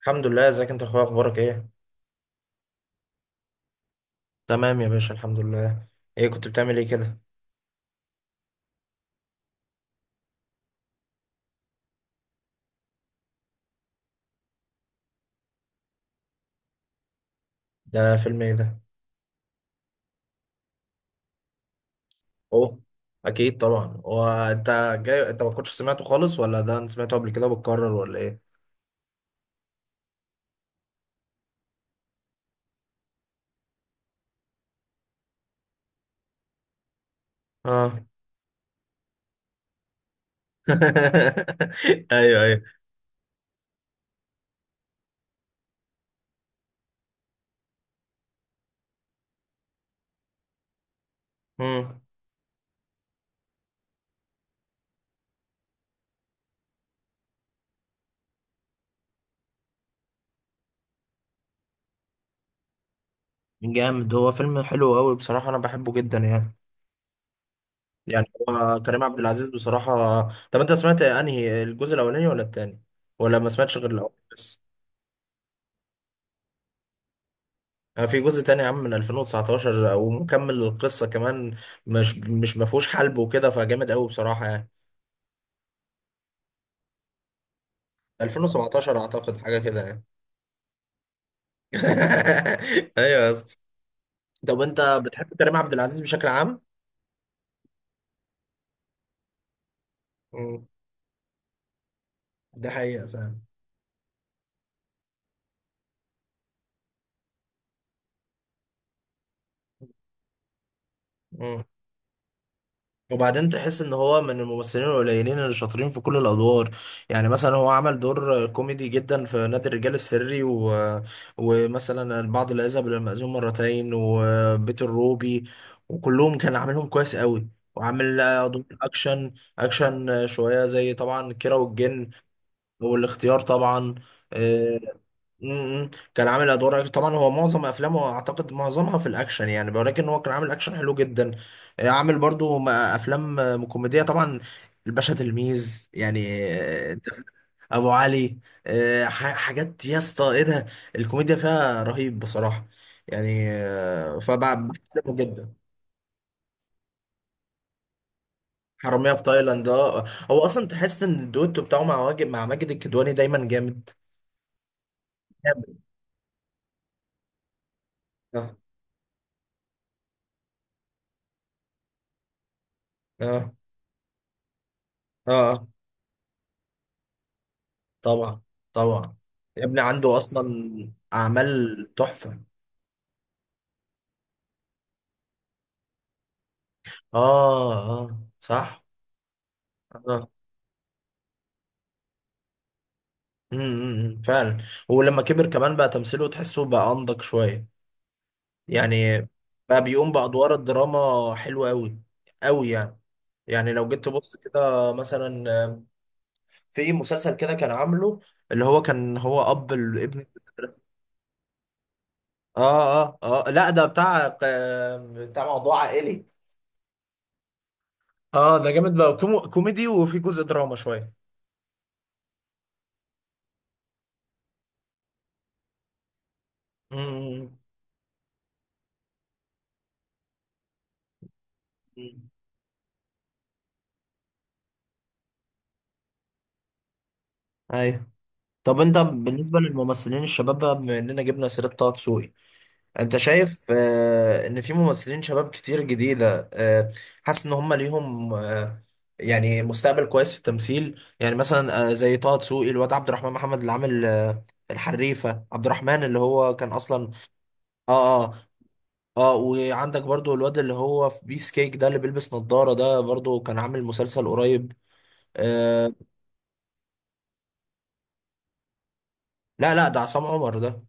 الحمد لله، ازيك انت يا اخويا؟ اخبارك ايه؟ تمام يا باشا، الحمد لله. ايه كنت بتعمل ايه كده؟ ده فيلم ايه ده؟ اوه، اكيد طبعا. هو انت جاي انت ما كنتش سمعته خالص، ولا ده انت سمعته قبل كده وبتكرر ولا ايه؟ اه. ايوه ايوه. امم. جامد، هو فيلم حلو قوي بصراحه، انا بحبه جدا يعني. يعني هو كريم عبد العزيز بصراحه. طب انت سمعت انهي الجزء، الاولاني ولا التاني؟ ولا ما سمعتش غير الاول بس؟ في جزء تاني يا عم من 2019، ومكمل القصة كمان. مش ما فيهوش حلب وكده، فجامد قوي بصراحة يعني. 2017 اعتقد، حاجة كده يعني. ايوه يا اسطى. طب انت بتحب كريم عبد العزيز بشكل عام؟ مم. ده حقيقة فعلا. مم. وبعدين تحس ان هو من الممثلين القليلين اللي شاطرين في كل الادوار. يعني مثلا هو عمل دور كوميدي جدا في نادي الرجال السري و... ومثلا البعض لا يذهب الى المأذون مرتين وبيت الروبي، وكلهم كان عاملهم كويس قوي. وعامل دور اكشن، اكشن شويه زي طبعا كيرة والجن والاختيار طبعا. آه، امم، كان عامل ادوار أكشن. طبعا هو معظم افلامه اعتقد معظمها في الاكشن يعني، ولكن هو كان عامل اكشن حلو جدا. عامل برضو افلام كوميديه طبعا. الباشا تلميذ يعني، أنت فاهم؟ ابو علي. حاجات يا اسطى، ايه ده! الكوميديا فيها رهيب بصراحه. يعني فبحترمه جدا. حراميه في تايلاند، اه. هو اصلا تحس ان الدويتو بتاعه مع واجد مع ماجد الكدواني دايما جامد. جامد. اه اه اه. طبعا، طبعا. يا ابني عنده اصلا اعمال تحفه. اه اه، صح. اه. امم. أمم، فعلا. ولما كبر كمان بقى، تمثيله تحسه بقى انضج شويه يعني. بقى بيقوم بادوار الدراما حلوه قوي. قوي يعني. يعني لو جيت تبص كده مثلا، في مسلسل كده كان عامله، اللي هو كان هو اب الابن. اه اه اه، لا ده بتاع بتاع موضوع عائلي. اه، ده جامد بقى، كوميدي وفي جزء دراما شويه. مم. ايوه. طب انت بالنسبه للممثلين الشباب بقى، بما اننا جبنا سيره طه دسوقي، انت شايف آه ان في ممثلين شباب كتير جديده آه، حاسس ان هم ليهم آه يعني مستقبل كويس في التمثيل؟ يعني مثلا آه زي طه دسوقي، الواد عبد الرحمن محمد اللي عامل آه الحريفه، عبد الرحمن اللي هو كان اصلا. اه اه اه. وعندك برضو الواد اللي هو في بيس كيك ده، اللي بيلبس نظاره ده، برضو كان عامل مسلسل قريب. آه، لا لا ده عصام عمر ده.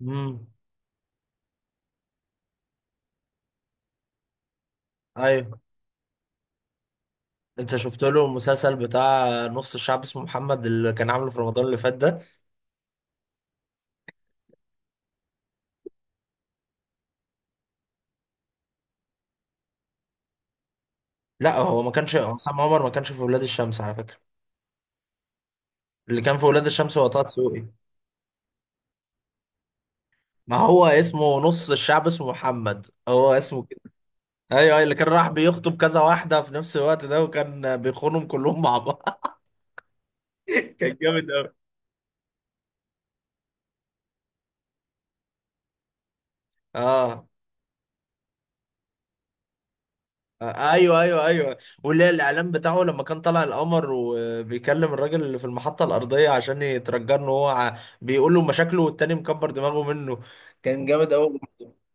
مم. ايوه. انت شفت له المسلسل بتاع نص الشعب اسمه محمد، اللي كان عامله في رمضان اللي فات ده؟ لا، هو ما كانش عصام عمر، ما كانش في ولاد الشمس على فكره. اللي كان في ولاد الشمس هو طه دسوقي. ما هو اسمه نص الشعب اسمه محمد، هو اسمه كده. ايوه ايوه، اللي كان راح بيخطب كذا واحده في نفس الوقت ده، وكان بيخونهم كلهم مع بعض. كان جامد قوي. اه. ايوه ايوه ايوه. واللي هي الاعلان بتاعه لما كان طالع القمر، وبيكلم الراجل اللي في المحطه الارضيه عشان يترجى له، هو بيقول له مشاكله والتاني مكبر دماغه منه. كان جامد قوي.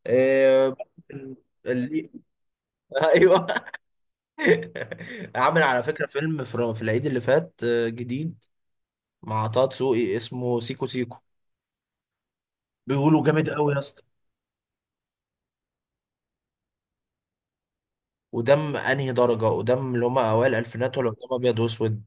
إيه اللي... ايوه. عامل على فكره فيلم في في العيد اللي فات جديد مع طه دسوقي، اسمه سيكو سيكو. بيقولوا جامد قوي يا اسطى. ودم انهي درجه؟ ودم اللي هم اوائل الالفينات، ولا قدام ابيض واسود؟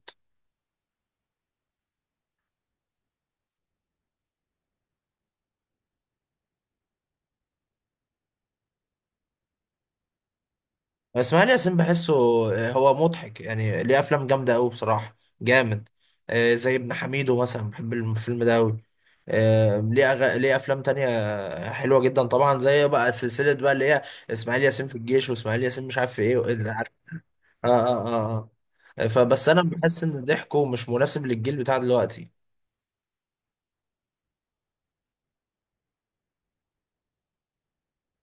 اسماعيل ياسين بحسه هو مضحك يعني، ليه افلام جامده قوي بصراحه. جامد. زي ابن حميدو مثلا، بحب الفيلم ده قوي. ليه افلام تانية حلوه جدا، طبعا زي إيه بقى، سلسله بقى اللي هي اسماعيل ياسين في الجيش، واسماعيل ياسين مش عارف في ايه اللي عارف. اه اه اه. آه. فبس انا بحس ان ضحكه مش مناسب للجيل بتاع دلوقتي.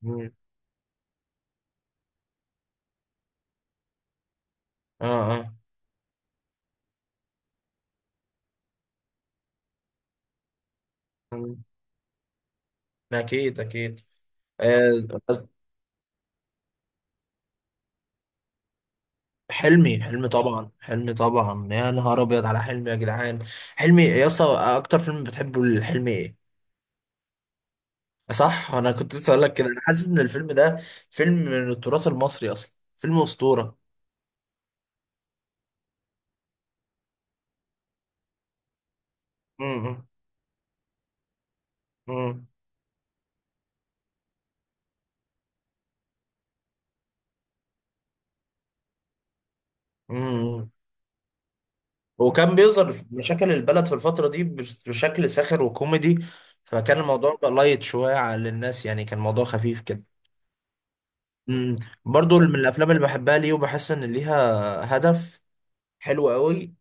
مم. اه اه. مم. اكيد اكيد. آه، حلمي، حلمي طبعا، حلمي طبعا، يا نهار ابيض على حلمي يا جدعان. حلمي يا اسطى. اكتر فيلم بتحبه الحلمي ايه؟ صح، انا كنت لسه هقول لك كده، انا حاسس ان الفيلم ده فيلم من التراث المصري اصلا، فيلم اسطوره. امم. امم. امم. وكان بيظهر في مشاكل البلد في الفتره دي بشكل ساخر وكوميدي، فكان الموضوع بقى لايت شويه على الناس يعني، كان الموضوع خفيف كده. امم. برضو من الافلام اللي بحبها ليه، وبحس ان ليها هدف حلو قوي،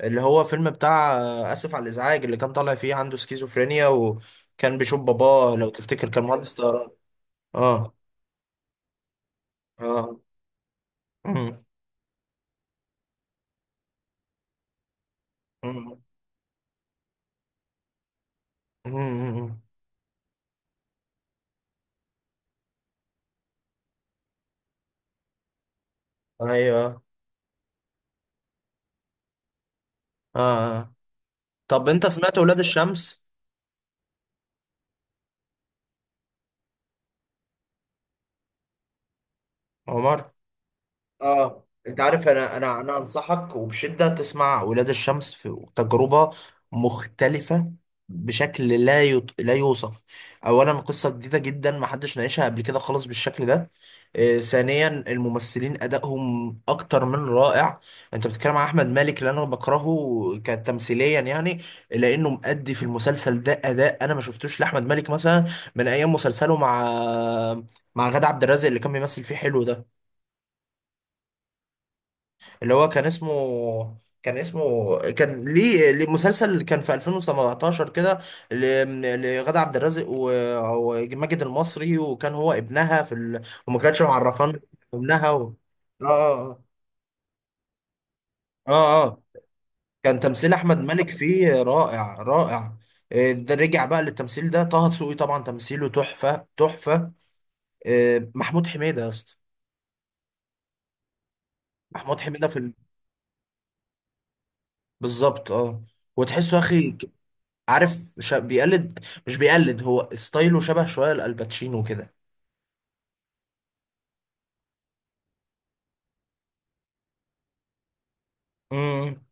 اللي هو فيلم بتاع اسف على الازعاج، اللي كان طالع فيه عنده سكيزوفرينيا، وكان بيشوف باباه لو تفتكر، كان مهندس طيران. اه اه. مم. مم. مم. ايوه. اه. آه. طب انت سمعت ولاد الشمس؟ عمر. اه، انت عارف، انا انا انصحك وبشده تسمع ولاد الشمس، في تجربه مختلفه بشكل لا يوصف. اولا قصه جديده جدا، ما حدش ناقشها قبل كده خالص بالشكل ده. آه، ثانيا الممثلين ادائهم اكتر من رائع. انت بتتكلم عن احمد مالك اللي انا بكرهه كتمثيليا يعني، لانه مؤدي في المسلسل ده اداء انا ما شفتوش لاحمد مالك مثلا من ايام مسلسله مع مع غادة عبد الرازق اللي كان بيمثل فيه حلو ده، اللي هو كان اسمه كان ليه مسلسل كان في 2017 كده، لغادة عبد الرازق وماجد المصري، وكان هو ابنها في ال... وما كانتش معرفان ابنها و... اه اه اه اه. آه. كان تمثيل احمد مالك فيه رائع رائع. آه، ده رجع بقى للتمثيل، ده طه دسوقي طبعا تمثيله تحفة تحفة. آه، محمود حميدة يا اسطى. محمود حميدة في ال... بالظبط، اه. وتحسه يا اخي، عارف بيقلد، مش بيقلد، هو ستايله شبه شويه لالباتشينو كده. امم.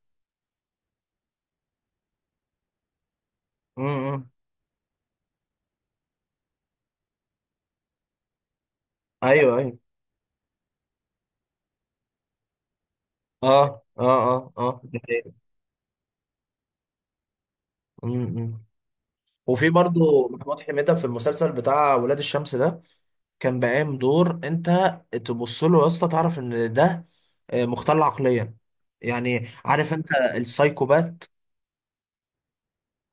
امم. ايوه ايوه. اه اه اه اه، دي حقيقة. أمم، أمم. وفي برضو محمود حميدة في المسلسل بتاع ولاد الشمس ده، كان بقام دور انت تبص له يا اسطى تعرف ان ده مختل عقليا، يعني عارف انت، السايكوبات.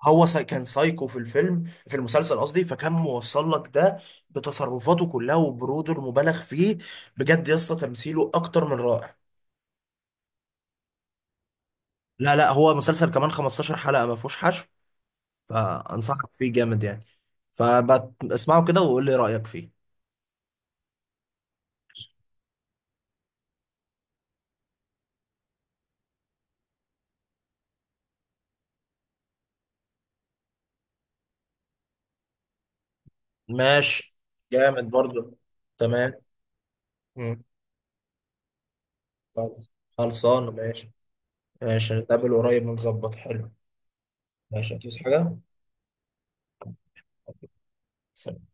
هو كان سايكو في الفيلم، في المسلسل قصدي، فكان موصل لك ده بتصرفاته كلها، وبروده المبالغ فيه. بجد يا اسطى تمثيله اكتر من رائع. لا لا، هو مسلسل كمان 15 حلقة ما فيهوش حشو، فانصحك فيه جامد يعني، فاسمعه كده وقول لي رأيك فيه. ماشي. جامد برضه. تمام. مم. خلص. خلصان ماشي. ماشي، نتقابل قريب ونظبط حلو. ماشي، هتوس حاجة. سلام.